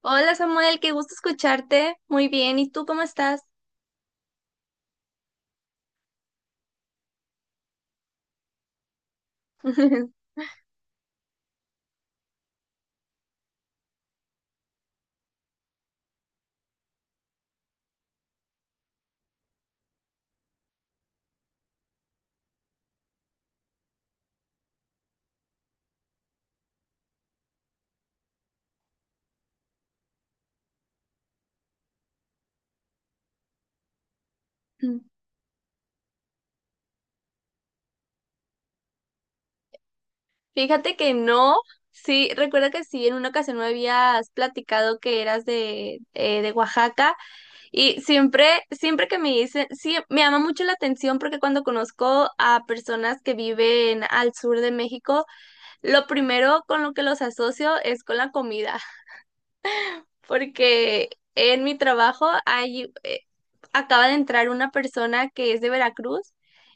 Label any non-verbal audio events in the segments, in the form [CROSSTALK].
Hola Samuel, qué gusto escucharte. Muy bien, ¿y tú cómo estás? [LAUGHS] Fíjate que no, sí, recuerdo que sí, en una ocasión me habías platicado que eras de Oaxaca y siempre, siempre que me dicen, sí, me llama mucho la atención porque cuando conozco a personas que viven al sur de México, lo primero con lo que los asocio es con la comida. Porque en mi trabajo acaba de entrar una persona que es de Veracruz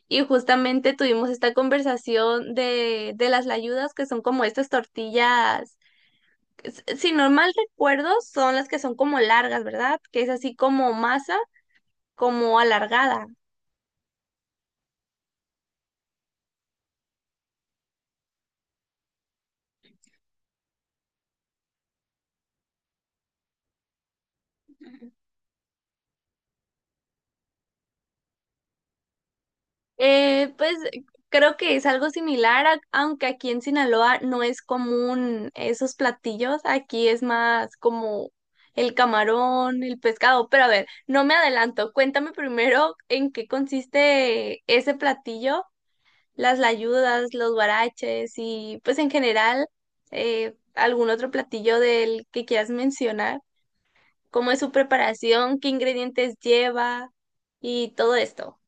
y justamente tuvimos esta conversación de las layudas que son como estas tortillas, si no mal recuerdo, son las que son como largas, ¿verdad? Que es así como masa, como alargada. Pues creo que es algo similar, aunque aquí en Sinaloa no es común esos platillos, aquí es más como el camarón, el pescado, pero a ver, no me adelanto, cuéntame primero en qué consiste ese platillo, las layudas, los huaraches y pues en general algún otro platillo del que quieras mencionar, cómo es su preparación, qué ingredientes lleva y todo esto.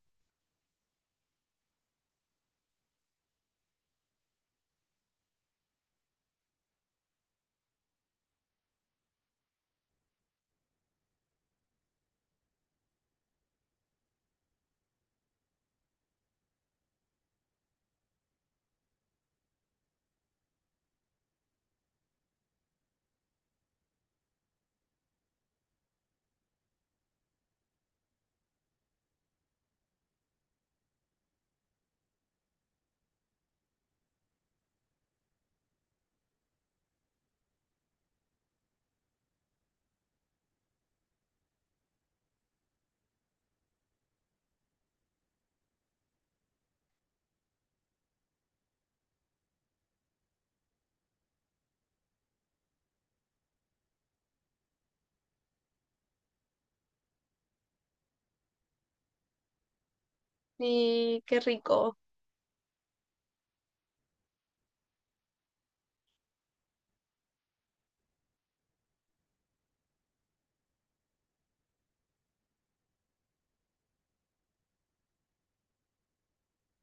Y qué rico.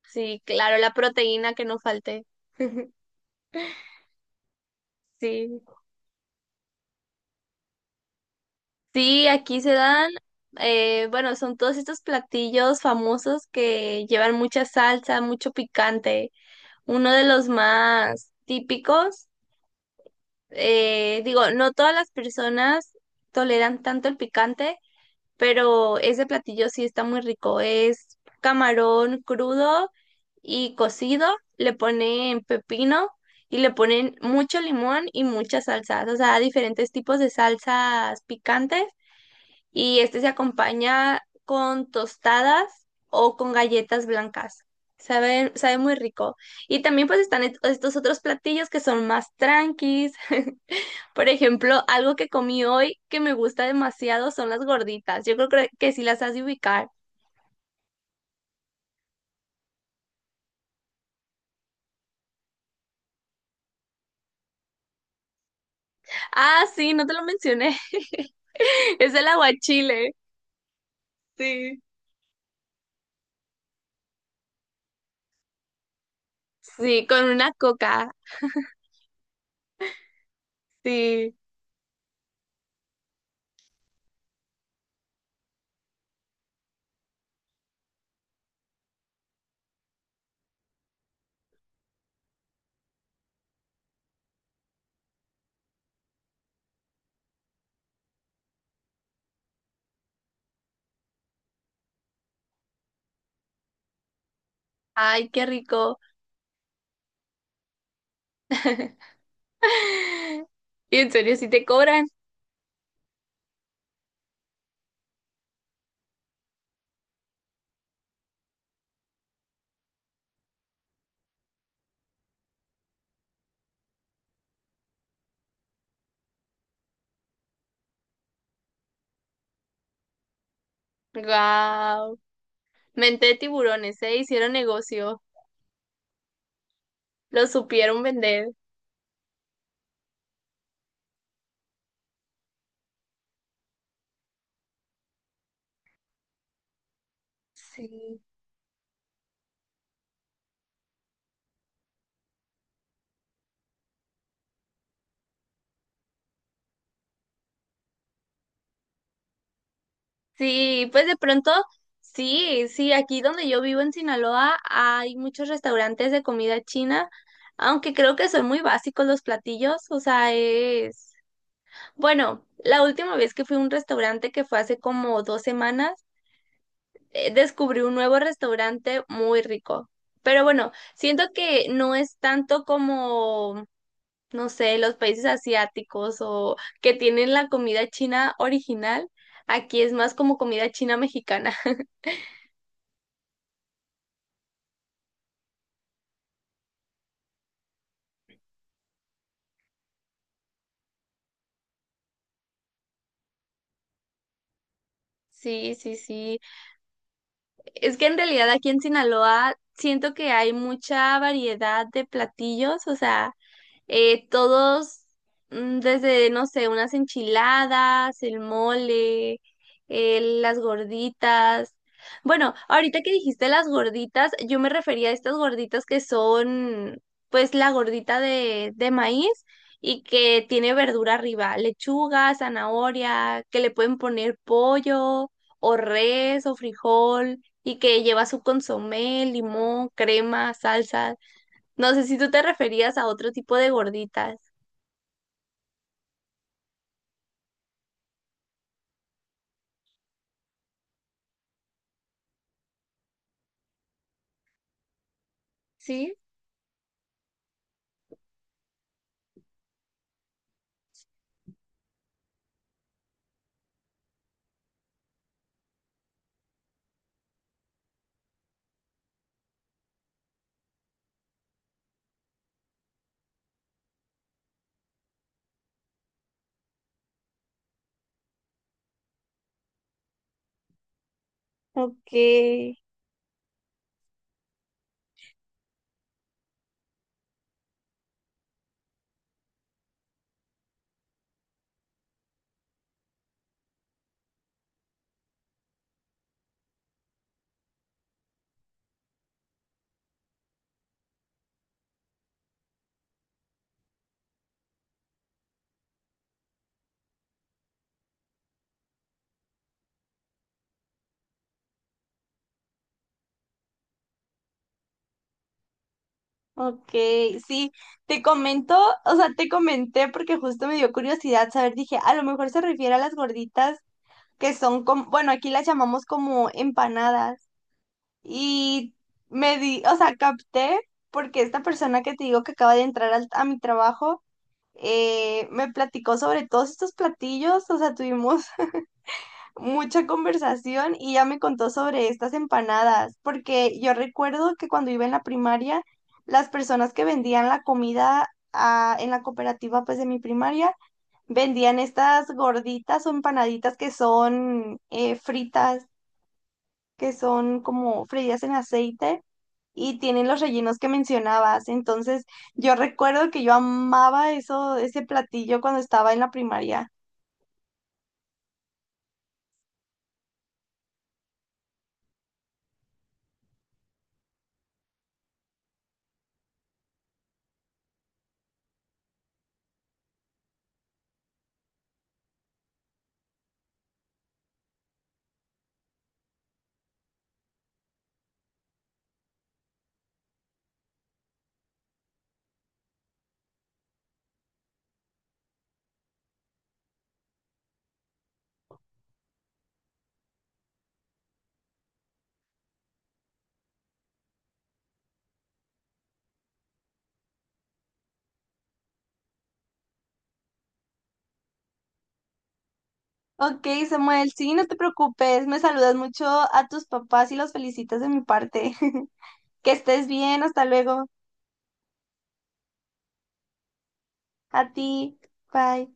Sí, claro, la proteína que no falte. [LAUGHS] Sí, sí, aquí se dan, bueno, son todos estos platillos famosos que llevan mucha salsa, mucho picante. Uno de los más típicos, digo, no todas las personas toleran tanto el picante, pero ese platillo sí está muy rico. Es camarón crudo y cocido, le ponen pepino y le ponen mucho limón y muchas salsas, o sea, diferentes tipos de salsas picantes y este se acompaña con tostadas o con galletas blancas. Sabe, sabe muy rico. Y también pues están estos otros platillos que son más tranquis. [LAUGHS] Por ejemplo, algo que comí hoy que me gusta demasiado son las gorditas. Yo creo que sí las has de ubicar. Ah, sí, no te lo mencioné. [LAUGHS] Es el aguachile. Sí. Sí, con una coca. Sí. Ay, qué rico. [LAUGHS] Y en serio, sí te cobran. Wow. Mente de tiburones, ¿eh? Hicieron negocio. Lo supieron vender. Sí. Sí, pues de pronto, sí, sí, aquí donde yo vivo en Sinaloa hay muchos restaurantes de comida china, aunque creo que son muy básicos los platillos, o sea, es... Bueno, la última vez que fui a un restaurante que fue hace como dos semanas, descubrí un nuevo restaurante muy rico. Pero bueno, siento que no es tanto como, no sé, los países asiáticos o que tienen la comida china original. Aquí es más como comida china mexicana. Sí, sí, sí. Es que en realidad aquí en Sinaloa siento que hay mucha variedad de platillos, o sea, eh, todos, desde, no sé, unas enchiladas, el mole, las gorditas. Bueno, ahorita que dijiste las gorditas, yo me refería a estas gorditas que son, pues, la gordita de maíz y que tiene verdura arriba, lechuga, zanahoria, que le pueden poner pollo o res o frijol y que lleva su consomé, limón, crema, salsa. No sé si tú te referías a otro tipo de gorditas. Sí, okay okay, sí, te comento, o sea, te comenté porque justo me dio curiosidad saber, dije, a lo mejor se refiere a las gorditas que son como, bueno, aquí las llamamos como empanadas y me di, o sea, capté porque esta persona que te digo que acaba de entrar a mi trabajo, me platicó sobre todos estos platillos, o sea, tuvimos mucha conversación y ya me contó sobre estas empanadas, porque yo recuerdo que cuando iba en la primaria, las personas que vendían la comida ah, en la cooperativa pues de mi primaria, vendían estas gorditas o empanaditas que son fritas, que son como freídas en aceite. Y tienen los rellenos que mencionabas. Entonces, yo recuerdo que yo amaba eso, ese platillo cuando estaba en la primaria. Ok, Samuel, sí, no te preocupes, me saludas mucho a tus papás y los felicitas de mi parte. [LAUGHS] Que estés bien, hasta luego. A ti, bye.